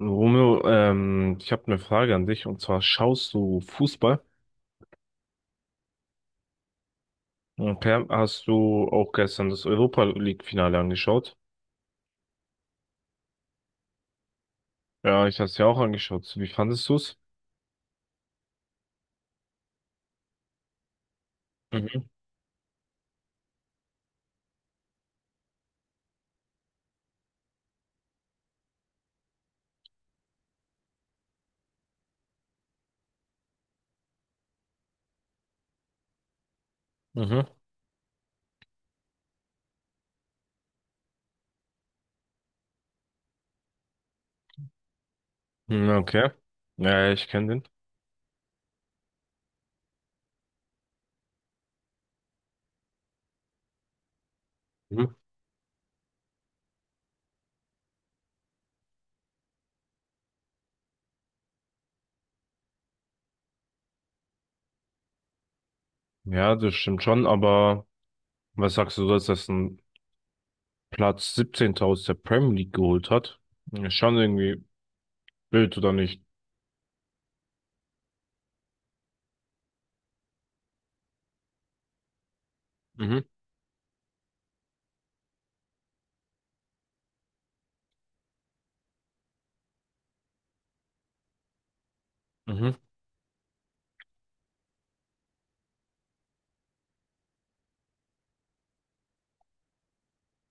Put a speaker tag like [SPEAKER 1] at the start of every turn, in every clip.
[SPEAKER 1] Romeo, ich habe eine Frage an dich und zwar schaust du Fußball? Okay, hast du auch gestern das Europa League-Finale angeschaut? Ja, ich habe es ja auch angeschaut. Wie fandest du's? Mhm. Mhm. Hm, okay. Ja, ich kenne den. Mhm. Ja, das stimmt schon, aber was sagst du, dass das ein Platz 17. aus der Premier League geholt hat? Ist schon irgendwie blöd, oder nicht? Mhm. Mhm.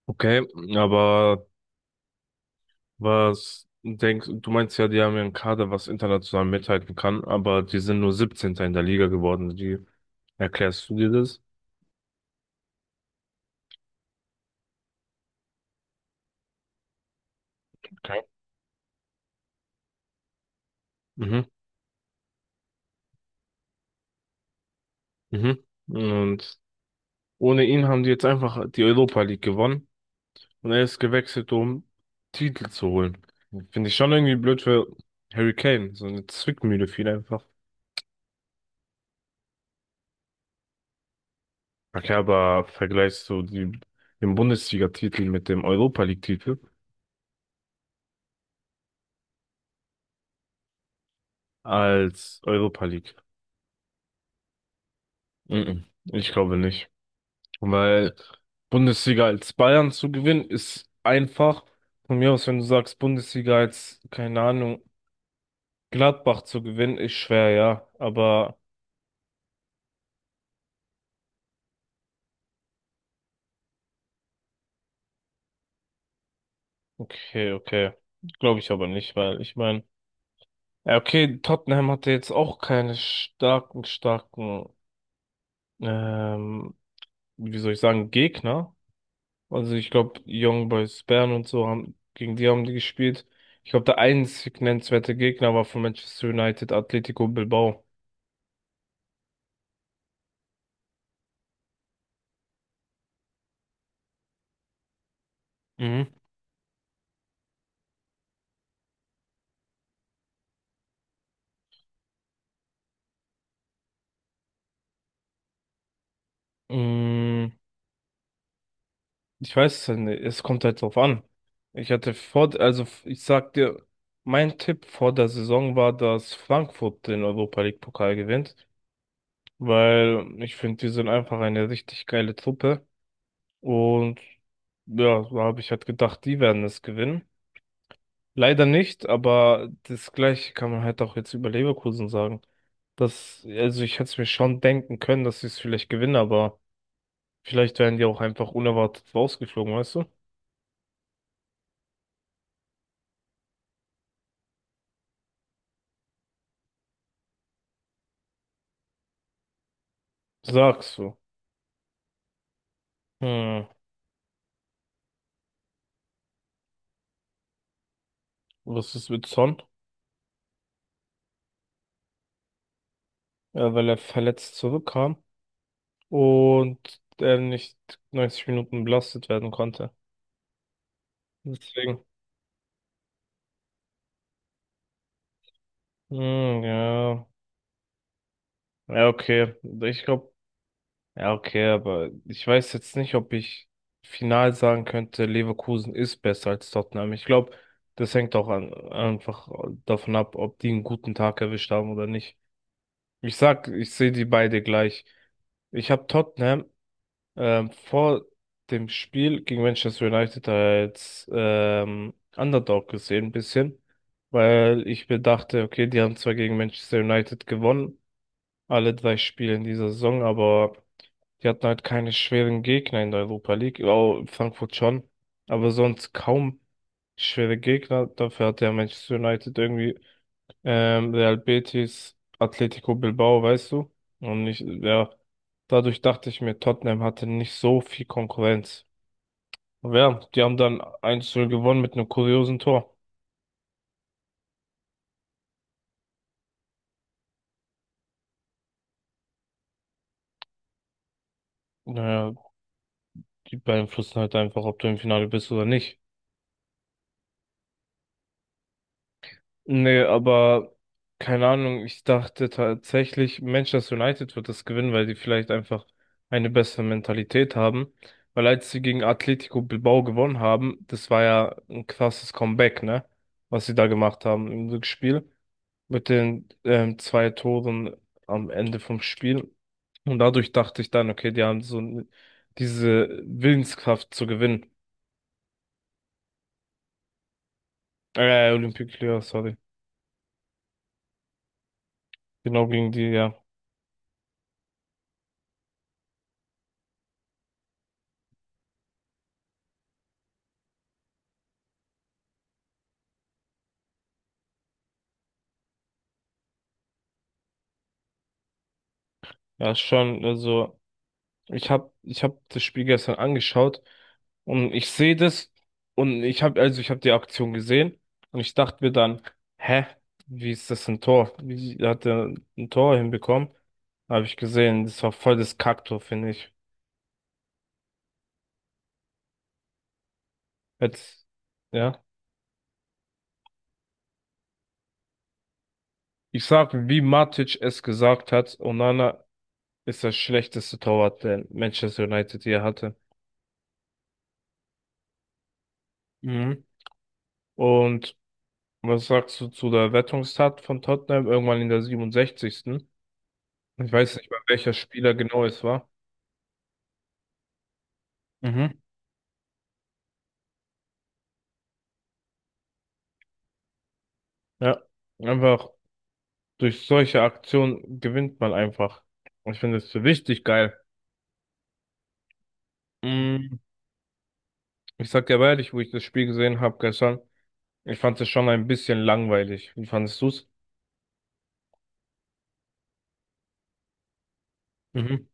[SPEAKER 1] Okay, aber was denkst du, meinst ja, die haben ja einen Kader, was international mithalten kann, aber die sind nur siebzehnter in der Liga geworden. Wie erklärst du dir das? Okay. Mhm. Mhm. Und ohne ihn haben die jetzt einfach die Europa League gewonnen und er ist gewechselt, um Titel zu holen. Finde ich schon irgendwie blöd für Harry Kane. So eine Zwickmühle viel einfach. Okay, aber vergleichst du die, den Bundesliga-Titel mit dem Europa League-Titel als Europa League? Mhm. Ich glaube nicht. Weil Bundesliga als Bayern zu gewinnen ist einfach. Von mir aus, wenn du sagst, Bundesliga als, keine Ahnung, Gladbach zu gewinnen, ist schwer, ja. Aber okay, okay. Glaube ich aber nicht, weil ich meine, ja, okay, Tottenham hatte jetzt auch keine starken, starken, ähm, wie soll ich sagen, Gegner. Also ich glaube, Young Boys Bern und so haben, gegen die haben die gespielt. Ich glaube, der einzig nennenswerte Gegner war von Manchester United, Atletico Bilbao. Mhm. Mm, ich weiß es ja nicht. Es kommt halt drauf an. Ich hatte vor, also ich sag dir, mein Tipp vor der Saison war, dass Frankfurt den Europa League Pokal gewinnt, weil ich finde, die sind einfach eine richtig geile Truppe und ja, so habe ich halt gedacht, die werden es gewinnen. Leider nicht, aber das Gleiche kann man halt auch jetzt über Leverkusen sagen. Das, also ich hätte es mir schon denken können, dass sie es vielleicht gewinnen, aber vielleicht werden die auch einfach unerwartet rausgeflogen, weißt du? Sagst du. Hm, was ist mit Son? Ja, weil er verletzt zurückkam und er nicht 90 Minuten belastet werden konnte. Deswegen. Hm, ja. Ja, okay. Ich glaube, ja, okay, aber ich weiß jetzt nicht, ob ich final sagen könnte, Leverkusen ist besser als Tottenham. Ich glaube, das hängt auch an, einfach davon ab, ob die einen guten Tag erwischt haben oder nicht. Ich sehe die beide gleich. Ich habe Tottenham vor dem Spiel gegen Manchester United als Underdog gesehen, ein bisschen, weil ich mir dachte, okay, die haben zwar gegen Manchester United gewonnen, alle drei Spiele in dieser Saison, aber die hatten halt keine schweren Gegner in der Europa League, oh, Frankfurt schon, aber sonst kaum schwere Gegner. Dafür hat ja Manchester United irgendwie Real Betis, Atletico Bilbao, weißt du? Und ich, ja, dadurch dachte ich mir, Tottenham hatte nicht so viel Konkurrenz. Aber ja, die haben dann 1:0 gewonnen mit einem kuriosen Tor. Naja, die beeinflussen halt einfach, ob du im Finale bist oder nicht. Nee, aber keine Ahnung, ich dachte tatsächlich, Manchester United wird das gewinnen, weil die vielleicht einfach eine bessere Mentalität haben. Weil als sie gegen Atletico Bilbao gewonnen haben, das war ja ein krasses Comeback, ne? Was sie da gemacht haben im Rückspiel mit den zwei Toren am Ende vom Spiel. Und dadurch dachte ich dann, okay, die haben so diese Willenskraft zu gewinnen. Olympique Lyon, sorry. Genau gegen die, ja. Ja, schon, also. Ich hab das Spiel gestern angeschaut und ich sehe das und ich habe die Aktion gesehen und ich dachte mir dann, hä, wie ist das ein Tor? Wie hat er ein Tor hinbekommen? Habe ich gesehen, das war voll das Kacktor, finde ich. Jetzt, ja. Ich sag, wie Matic es gesagt hat, Onana ist das schlechteste Torwart, den Manchester United je hatte. Mhm. Und was sagst du zu der Rettungstat von Tottenham irgendwann in der 67.? Ich weiß nicht mal, welcher Spieler genau es war. Mhm. Ja. Einfach durch solche Aktionen gewinnt man einfach. Ich finde es richtig geil. Mm, ich sag dir aber ehrlich, wo ich das Spiel gesehen habe gestern, ich fand es schon ein bisschen langweilig. Wie fandest du's? Mhm.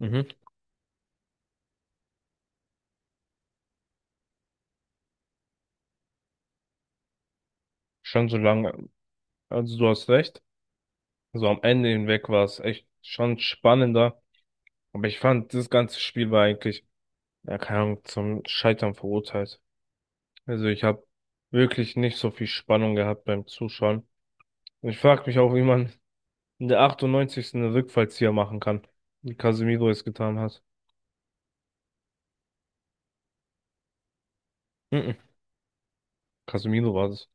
[SPEAKER 1] Mhm. Schon so lange. Also du hast recht. Also am Ende hinweg war es echt schon spannender. Aber ich fand, das ganze Spiel war eigentlich, ja, keine Ahnung, zum Scheitern verurteilt. Also ich habe wirklich nicht so viel Spannung gehabt beim Zuschauen. Ich frage mich auch, wie man in der 98. einen Rückfallzieher machen kann, wie Casemiro es getan hat. Mhm. Casemiro war das.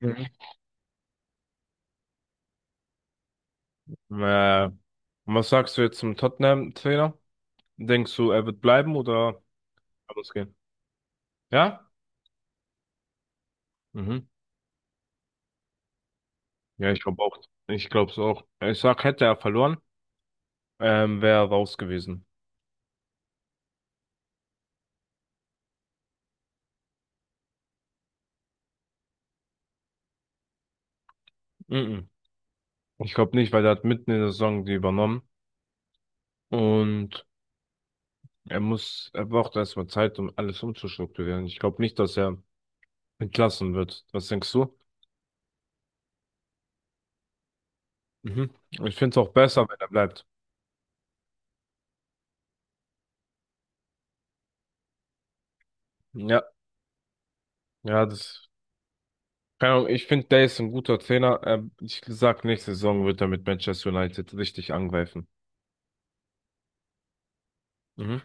[SPEAKER 1] Mhm. Äh, und was sagst du jetzt zum Tottenham-Trainer? Denkst du, er wird bleiben oder kann es gehen? Ja? Mhm. Ja, ich glaube auch. Ich glaube es auch. Ich sag, hätte er verloren, wäre er raus gewesen. Mhm. Ich glaube nicht, weil er hat mitten in der Saison die übernommen und er braucht erstmal Zeit, um alles umzustrukturieren. Ich glaube nicht, dass er entlassen wird. Was denkst du? Mhm. Ich finde es auch besser, wenn er bleibt. Ja, ja, das. Keine Ahnung, ich finde, der ist ein guter Trainer. Ich sag, nächste Saison wird er mit Manchester United richtig angreifen. Mhm.